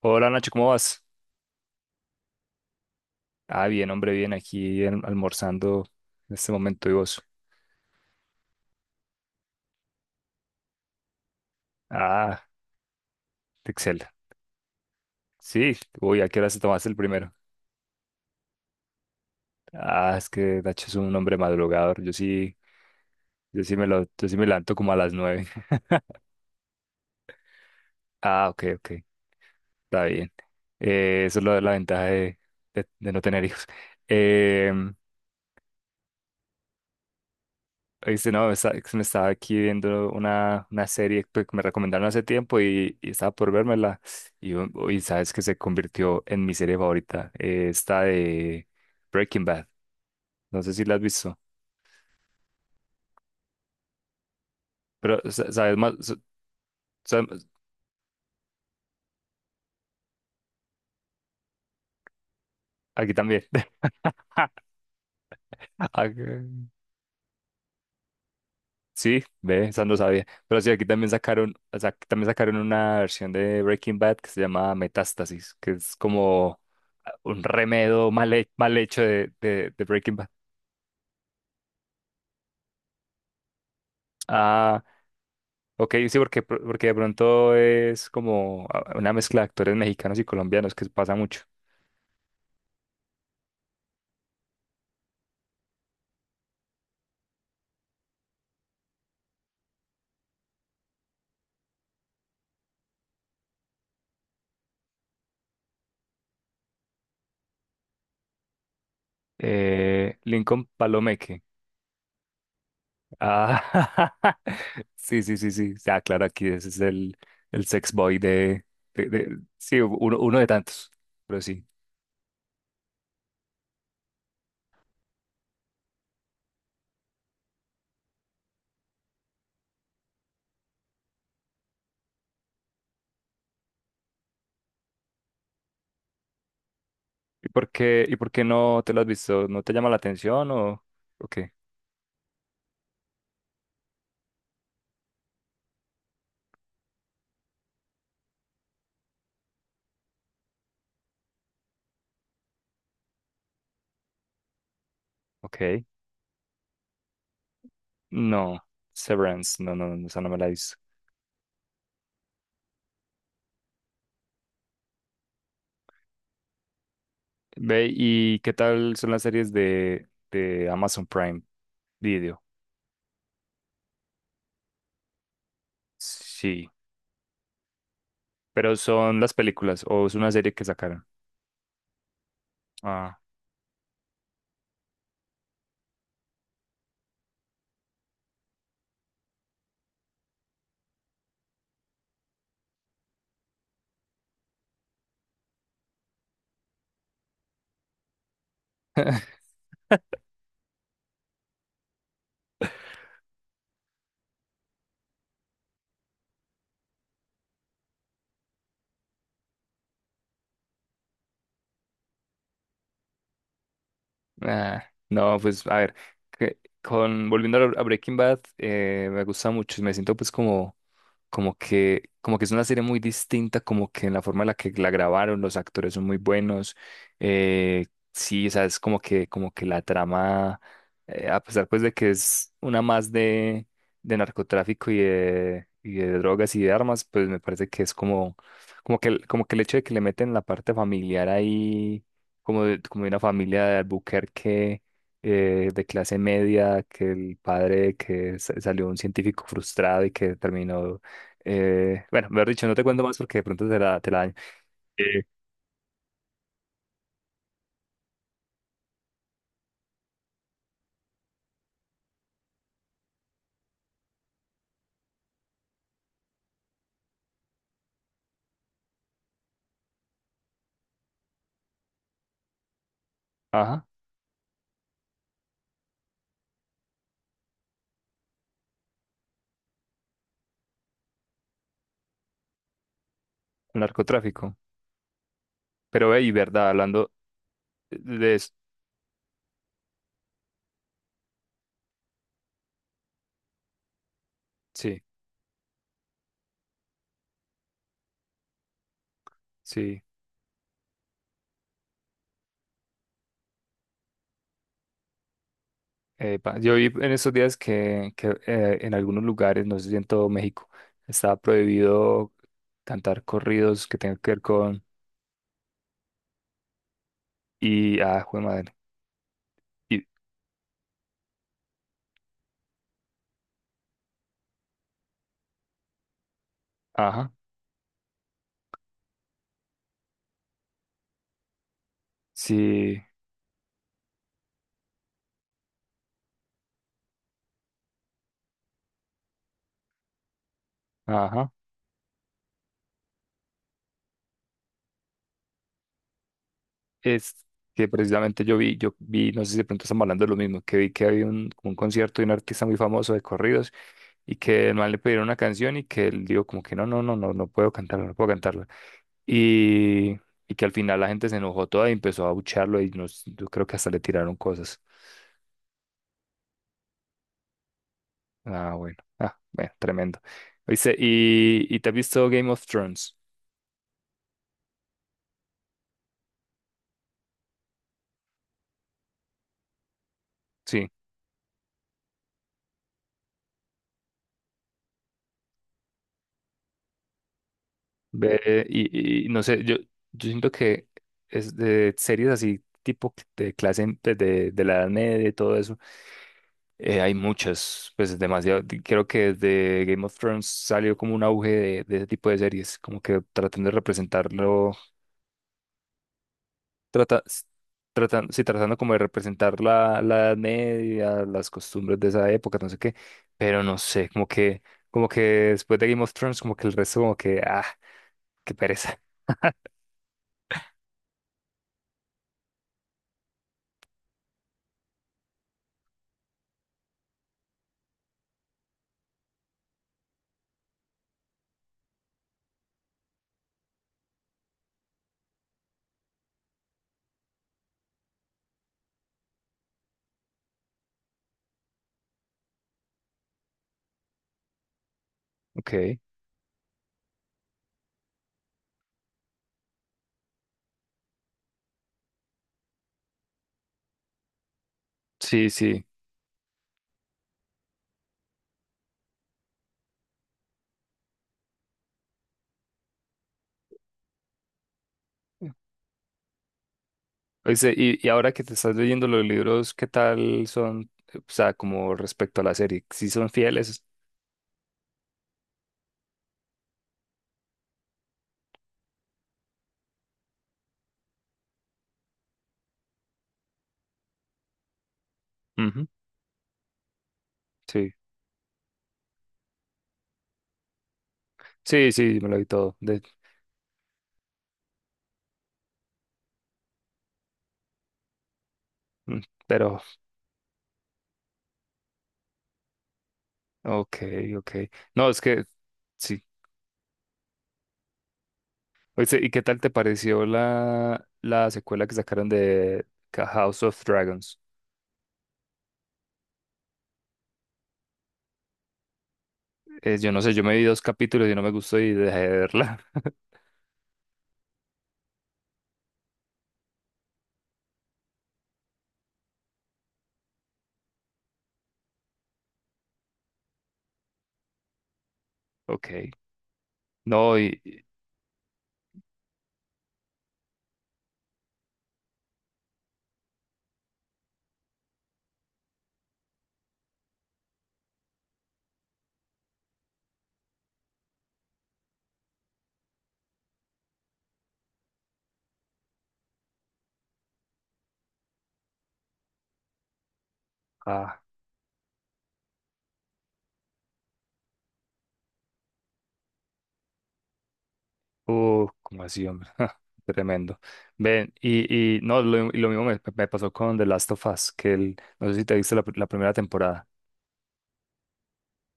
Hola Nacho, ¿cómo vas? Ah, bien, hombre, bien, aquí almorzando en este momento y vos. Ah, Excel. Sí, uy, ¿a qué hora se tomaste el primero? Ah, es que Nacho es un hombre madrugador. Yo sí, yo sí me levanto como a las 9. Ah, ok, ok, está bien. Eso es lo de la ventaja de, de no tener hijos. Em, Dice, no, es que me estaba aquí viendo una serie pues, que me recomendaron hace tiempo y estaba por vérmela. Y, y sabes que se convirtió en mi serie favorita, esta de Breaking Bad. No sé si la has visto, pero sabes más, sa- aquí también. Ah, sí, ve, esa no sabía. Pero sí, aquí también sacaron, o sea, aquí también sacaron una versión de Breaking Bad que se llama Metástasis, que es como ah, un remedo mal, mal hecho de, de Breaking Bad. Ah, ok, sí, porque, porque de pronto es como ah, una mezcla de actores mexicanos y colombianos que pasa mucho. Lincoln Palomeque. Ah, sí, sí, sí, sí. Ah, claro, aquí ese es el sex boy de, sí, uno, uno de tantos, pero sí. Y por qué no te lo has visto? ¿No te llama la atención o qué? Ok. No, Severance, no, no, no, esa no me la he visto. Ve, ¿y qué tal son las series de Amazon Prime Video? Sí, pero son las películas o es una serie que sacaron. Ah. Ah, no, pues a ver, que- con, volviendo a Breaking Bad, me gusta mucho y me siento pues como, como que es una serie muy distinta, como que en la forma en la que la grabaron, los actores son muy buenos, eh, sí, o sea, es como que la trama, a pesar pues de que es una más de narcotráfico y de drogas y de armas, pues me parece que es como, como que el hecho de que le meten la parte familiar ahí como de una familia de Albuquerque de clase media, que el padre que salió un científico frustrado y que terminó, bueno, mejor dicho, no te cuento más porque de pronto te la daño. Eh, ajá, el narcotráfico. Pero, ve, y verdad, hablando de eso, sí, sí. Epa, yo vi en estos días que en algunos lugares, no sé si en todo México, está prohibido cantar corridos que tengan que ver con... Y, ah, jue madre. Y, ajá. Sí, ajá. Es que precisamente yo vi, no sé si de pronto estamos hablando de lo mismo, que vi que había un, como un concierto de un artista muy famoso de corridos y que no le pidieron una canción y que él dijo como que no, no, no, no, no puedo cantarla, no puedo cantarla. Y, y que al final la gente se enojó toda y empezó a abuchearlo y nos, yo creo que hasta le tiraron cosas. Ah, bueno. Ah, bueno, tremendo. Dice y te has visto Game of Thrones? Sí. Ve, y no sé, yo siento que es de series así, tipo de clase de la Edad Media y todo eso, hay muchas, pues demasiado. Creo que desde Game of Thrones salió como un auge de ese tipo de series, como que tratan de representarlo, trata, s- tratan, sí, tratando como de representar la, la Edad Media, las costumbres de esa época, no sé qué, pero no sé, como que después de Game of Thrones, como que el resto, como que, ah, qué pereza. Ok. Sí, sí. Oíste, y ahora que te estás leyendo los libros, ¿qué tal son? O sea, como respecto a la serie, ¿sí son fieles? Ujú, sí, sí, sí, me lo vi todo. Mm, pero, ok, ok. No, es que, sí. Oíste, ¿y qué tal te pareció la, la secuela que sacaron de House of Dragons? Yo no sé, yo me vi dos capítulos y no me gustó y dejé de verla. Ok. No, y... ah. Como así, hombre. Tremendo. Ven, y no, lo, y lo mismo me, me pasó con The Last of Us, que el, no sé si te viste la, la primera temporada.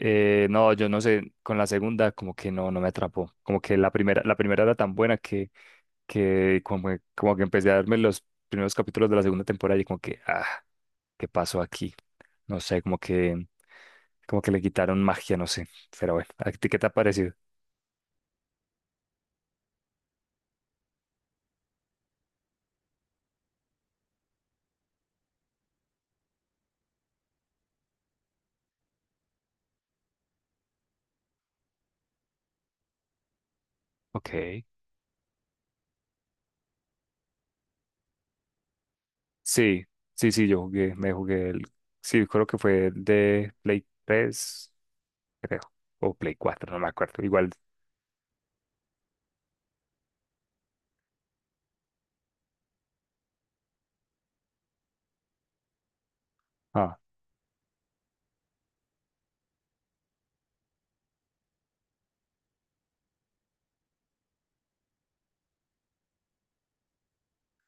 No, yo no sé, con la segunda como que no, no me atrapó. Como que la primera era tan buena que como, como que empecé a darme los primeros capítulos de la segunda temporada y como que, ah, ¿qué pasó aquí? No sé, como que le quitaron magia, no sé. Pero bueno, ¿a ti qué te ha parecido? Ok. Sí, sí, sí, yo jugué, me jugué el, sí, creo que fue el de Play 3, creo, o Play 4, no me acuerdo, igual, ah,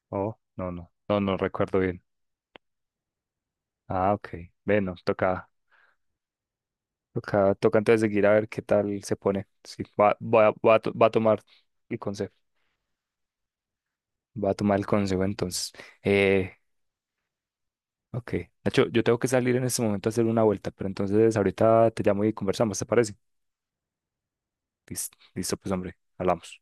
oh, no, no, no, no recuerdo bien. Ah, ok, bueno, toca, toca, toca entonces seguir a ver qué tal se pone, sí, va, va, va, va a tomar el consejo, va a tomar el consejo entonces. Eh, ok, Nacho, yo tengo que salir en este momento a hacer una vuelta, pero entonces ahorita te llamo y conversamos, ¿te parece? Listo, listo, pues hombre, hablamos.